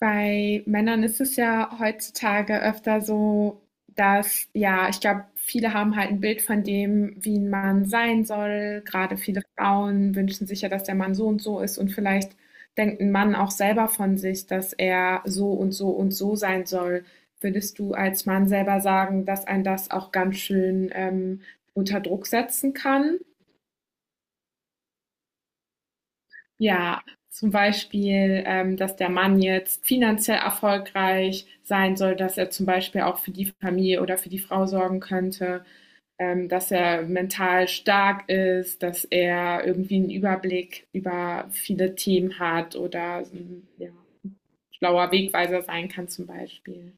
Bei Männern ist es ja heutzutage öfter so, dass, ja, ich glaube, viele haben halt ein Bild von dem, wie ein Mann sein soll. Gerade viele Frauen wünschen sich ja, dass der Mann so und so ist, und vielleicht denkt ein Mann auch selber von sich, dass er so und so und so sein soll. Würdest du als Mann selber sagen, dass ein das auch ganz schön, unter Druck setzen kann? Ja, zum Beispiel, dass der Mann jetzt finanziell erfolgreich sein soll, dass er zum Beispiel auch für die Familie oder für die Frau sorgen könnte, dass er mental stark ist, dass er irgendwie einen Überblick über viele Themen hat oder ja, schlauer Wegweiser sein kann zum Beispiel.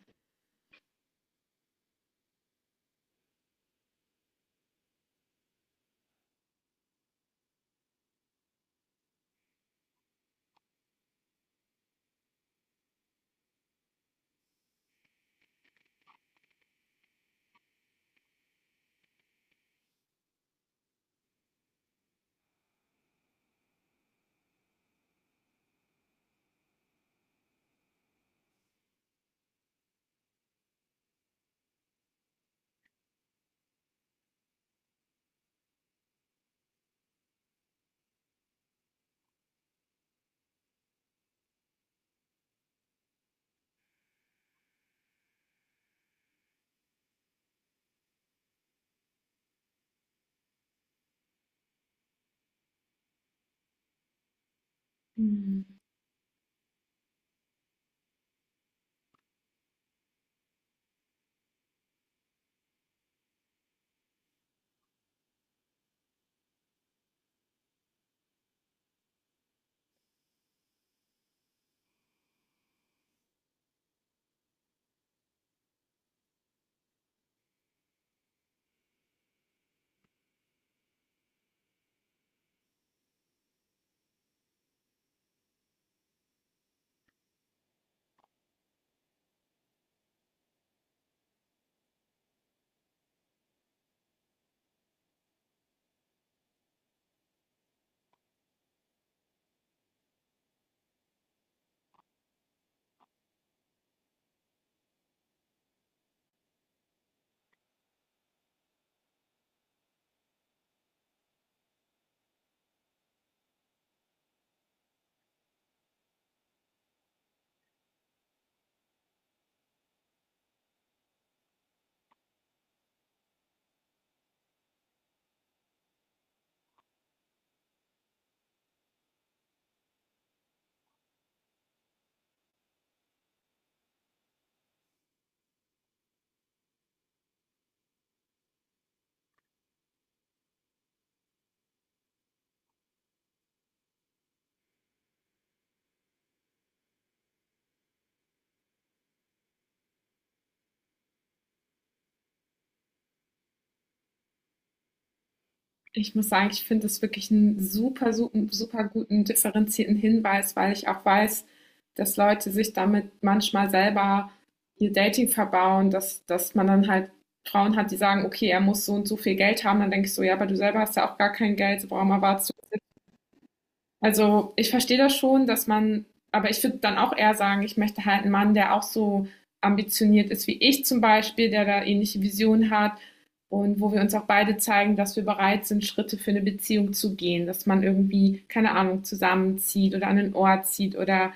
Mhm. Ich muss sagen, ich finde es wirklich einen super, super, super guten, differenzierten Hinweis, weil ich auch weiß, dass Leute sich damit manchmal selber ihr Dating verbauen, dass, dass man dann halt Frauen hat, die sagen, okay, er muss so und so viel Geld haben. Dann denke ich so, ja, aber du selber hast ja auch gar kein Geld, warum erwartest, also, ich verstehe das schon, dass man, aber ich würde dann auch eher sagen, ich möchte halt einen Mann, der auch so ambitioniert ist wie ich zum Beispiel, der da ähnliche Visionen hat und wo wir uns auch beide zeigen, dass wir bereit sind, Schritte für eine Beziehung zu gehen, dass man irgendwie, keine Ahnung, zusammenzieht oder an einen Ort zieht oder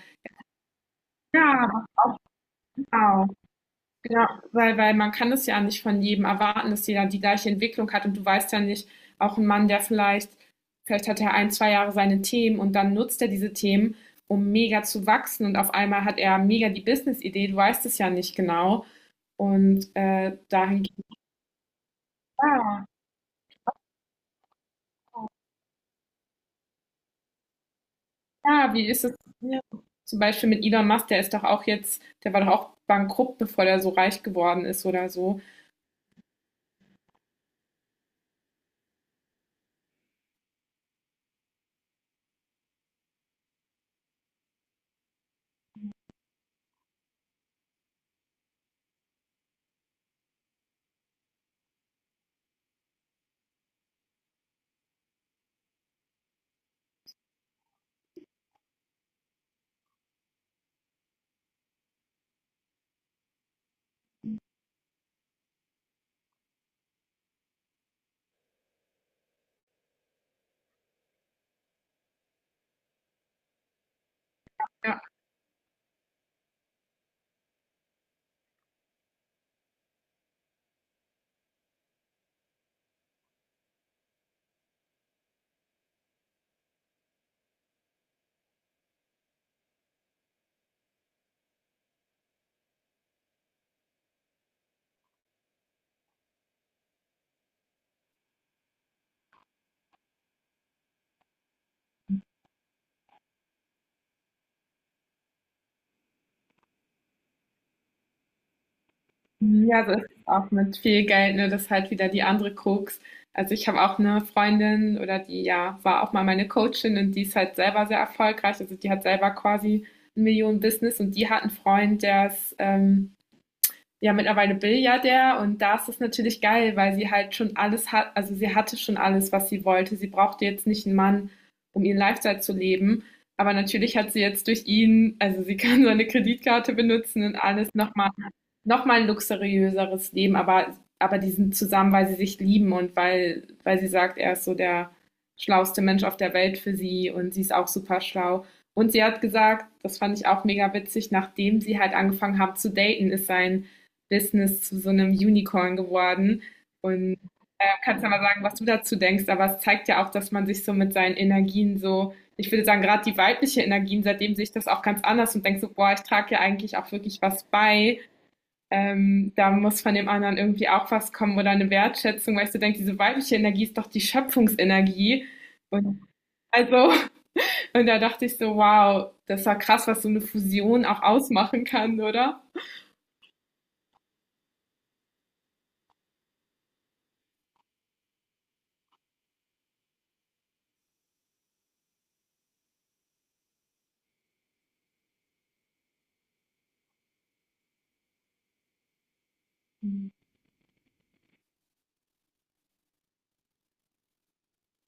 ja, auch, ja, weil, weil man kann es ja nicht von jedem erwarten, dass jeder die gleiche Entwicklung hat, und du weißt ja nicht, auch ein Mann, der vielleicht, vielleicht hat er ein, zwei Jahre seine Themen und dann nutzt er diese Themen, um mega zu wachsen, und auf einmal hat er mega die Business-Idee, du weißt es ja nicht genau, und dahingehend, ja, ja, wie ist es, ja. Zum Beispiel mit Elon Musk, der ist doch auch jetzt, der war doch auch bankrupt, bevor der so reich geworden ist oder so. Ja. Ja, so ist es auch mit viel Geld, ne? Das ist halt wieder die andere Krux. Also ich habe auch eine Freundin, oder die ja war auch mal meine Coachin, und die ist halt selber sehr erfolgreich. Also die hat selber quasi ein Millionen-Business, und die hat einen Freund, der ist ja, mittlerweile Milliardär, und da ist das natürlich geil, weil sie halt schon alles hat, also sie hatte schon alles, was sie wollte. Sie brauchte jetzt nicht einen Mann, um ihren Lifestyle zu leben. Aber natürlich hat sie jetzt durch ihn, also sie kann seine Kreditkarte benutzen und alles noch mal ein luxuriöseres Leben, aber die sind zusammen, weil sie sich lieben und weil, weil sie sagt, er ist so der schlauste Mensch auf der Welt für sie, und sie ist auch super schlau. Und sie hat gesagt, das fand ich auch mega witzig, nachdem sie halt angefangen haben zu daten, ist sein Business zu so einem Unicorn geworden. Und kannst ja mal sagen, was du dazu denkst, aber es zeigt ja auch, dass man sich so mit seinen Energien so, ich würde sagen, gerade die weibliche Energien, seitdem sehe ich das auch ganz anders und denke so, boah, ich trage ja eigentlich auch wirklich was bei. Da muss von dem anderen irgendwie auch was kommen oder eine Wertschätzung, weil ich so denke, diese weibliche Energie ist doch die Schöpfungsenergie. Und also, und da dachte ich so, wow, das war krass, was so eine Fusion auch ausmachen kann, oder? Mhm.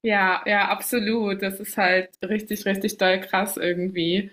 Ja, ja, absolut. Das ist halt richtig, richtig doll krass irgendwie.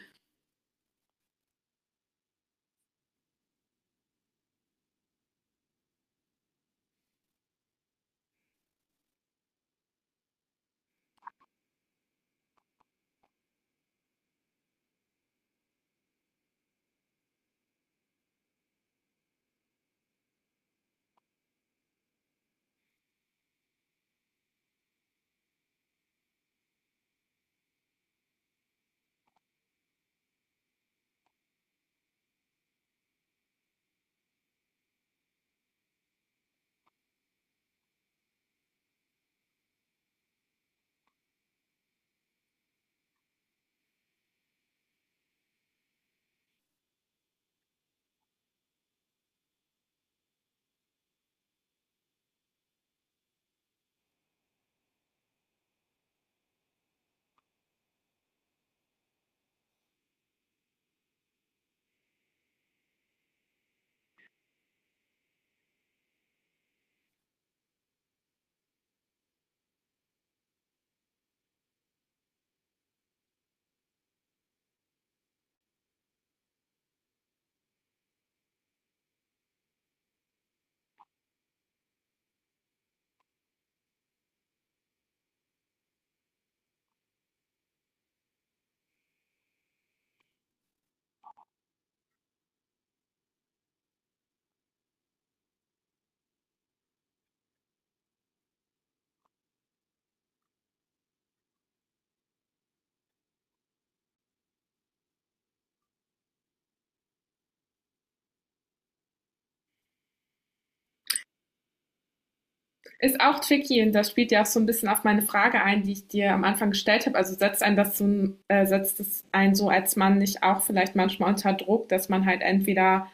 Ist auch tricky, und das spielt ja auch so ein bisschen auf meine Frage ein, die ich dir am Anfang gestellt habe. Also setzt einen das so, setzt es einen so als Mann nicht auch vielleicht manchmal unter Druck, dass man halt entweder,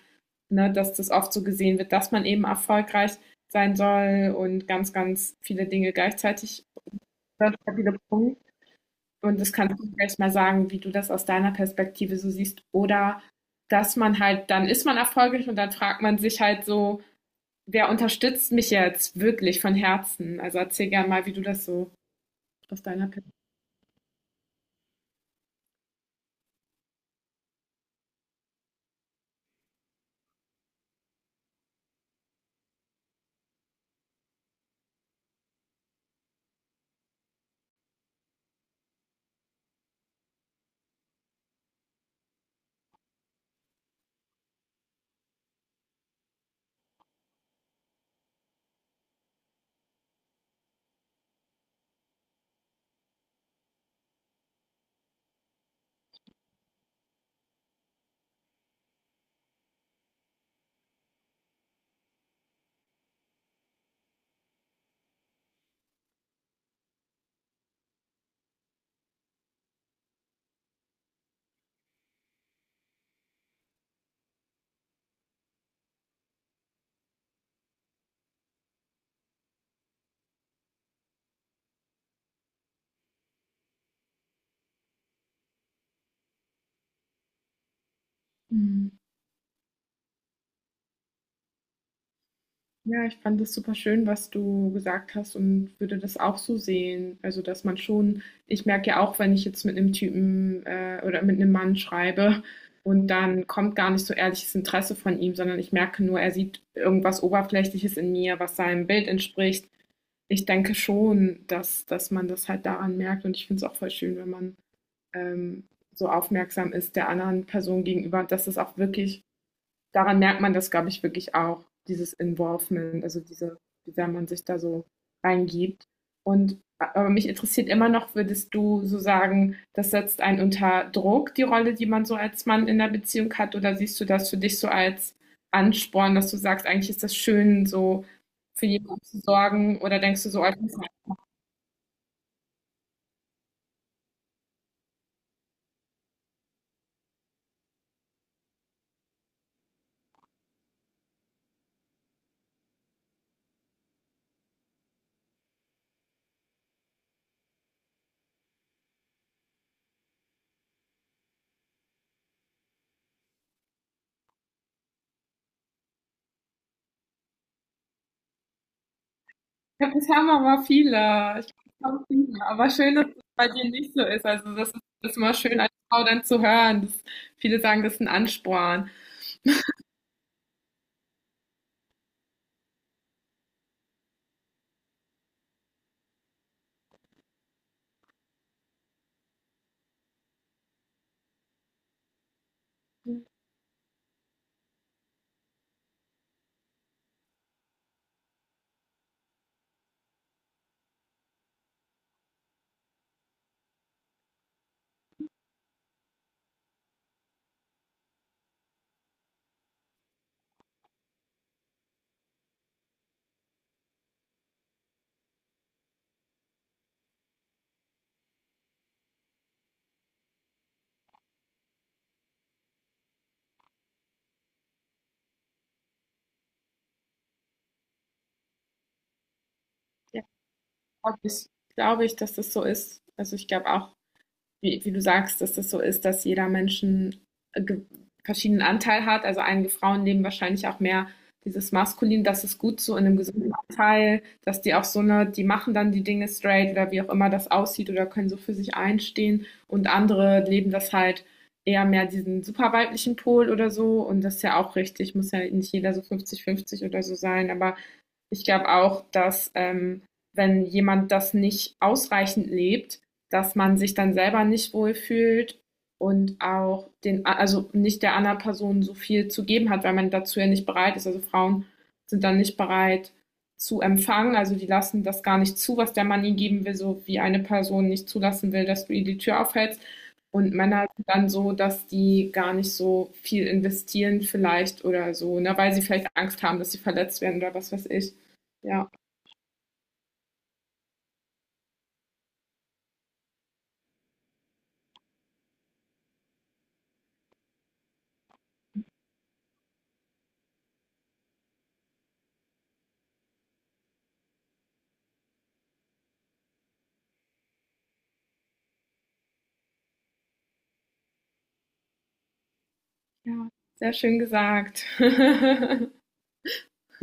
ne, dass das oft so gesehen wird, dass man eben erfolgreich sein soll und ganz, ganz viele Dinge gleichzeitig. Ganz stabile Punkt. Und das kannst du vielleicht mal sagen, wie du das aus deiner Perspektive so siehst. Oder dass man halt, dann ist man erfolgreich und dann fragt man sich halt so, wer unterstützt mich jetzt wirklich von Herzen? Also erzähl gerne mal, wie du das so aus deiner Perspektive. Mhm. Ja, ich fand das super schön, was du gesagt hast, und würde das auch so sehen. Also, dass man schon, ich merke ja auch, wenn ich jetzt mit einem Typen oder mit einem Mann schreibe und dann kommt gar nicht so ehrliches Interesse von ihm, sondern ich merke nur, er sieht irgendwas Oberflächliches in mir, was seinem Bild entspricht. Ich denke schon, dass man das halt daran merkt, und ich finde es auch voll schön, wenn man ähm, so aufmerksam ist der anderen Person gegenüber, dass es auch wirklich, daran merkt man das, glaube ich, wirklich auch, dieses Involvement, also diese, wie sehr man sich da so reingibt. Und aber mich interessiert immer noch, würdest du so sagen, das setzt einen unter Druck, die Rolle, die man so als Mann in der Beziehung hat, oder siehst du das für dich so als Ansporn, dass du sagst, eigentlich ist das schön, so für jemanden zu sorgen, oder denkst du so, oh, das ist? Ja, das haben aber viele. Ich glaube, das haben viele. Aber schön, dass es bei dir nicht so ist. Also das ist immer schön, als Frau dann zu hören. Das, viele sagen, das ist ein Ansporn. Ja, glaube ich, glaube ich, dass das so ist. Also ich glaube auch, wie, wie du sagst, dass das so ist, dass jeder Mensch einen äh, ge- verschiedenen Anteil hat. Also einige Frauen nehmen wahrscheinlich auch mehr dieses Maskulin, das ist gut so in einem gesunden Anteil, dass die auch so eine, die machen dann die Dinge straight oder wie auch immer das aussieht oder können so für sich einstehen, und andere leben das halt eher mehr diesen super weiblichen Pol oder so, und das ist ja auch richtig, muss ja nicht jeder so 50-50 oder so sein, aber ich glaube auch, dass wenn jemand das nicht ausreichend lebt, dass man sich dann selber nicht wohlfühlt und auch den, also nicht der anderen Person so viel zu geben hat, weil man dazu ja nicht bereit ist. Also Frauen sind dann nicht bereit zu empfangen, also die lassen das gar nicht zu, was der Mann ihnen geben will, so wie eine Person nicht zulassen will, dass du ihr die Tür aufhältst. Und Männer sind dann so, dass die gar nicht so viel investieren vielleicht oder so, ne, weil sie vielleicht Angst haben, dass sie verletzt werden oder was weiß ich. Ja, ja, sehr schön gesagt.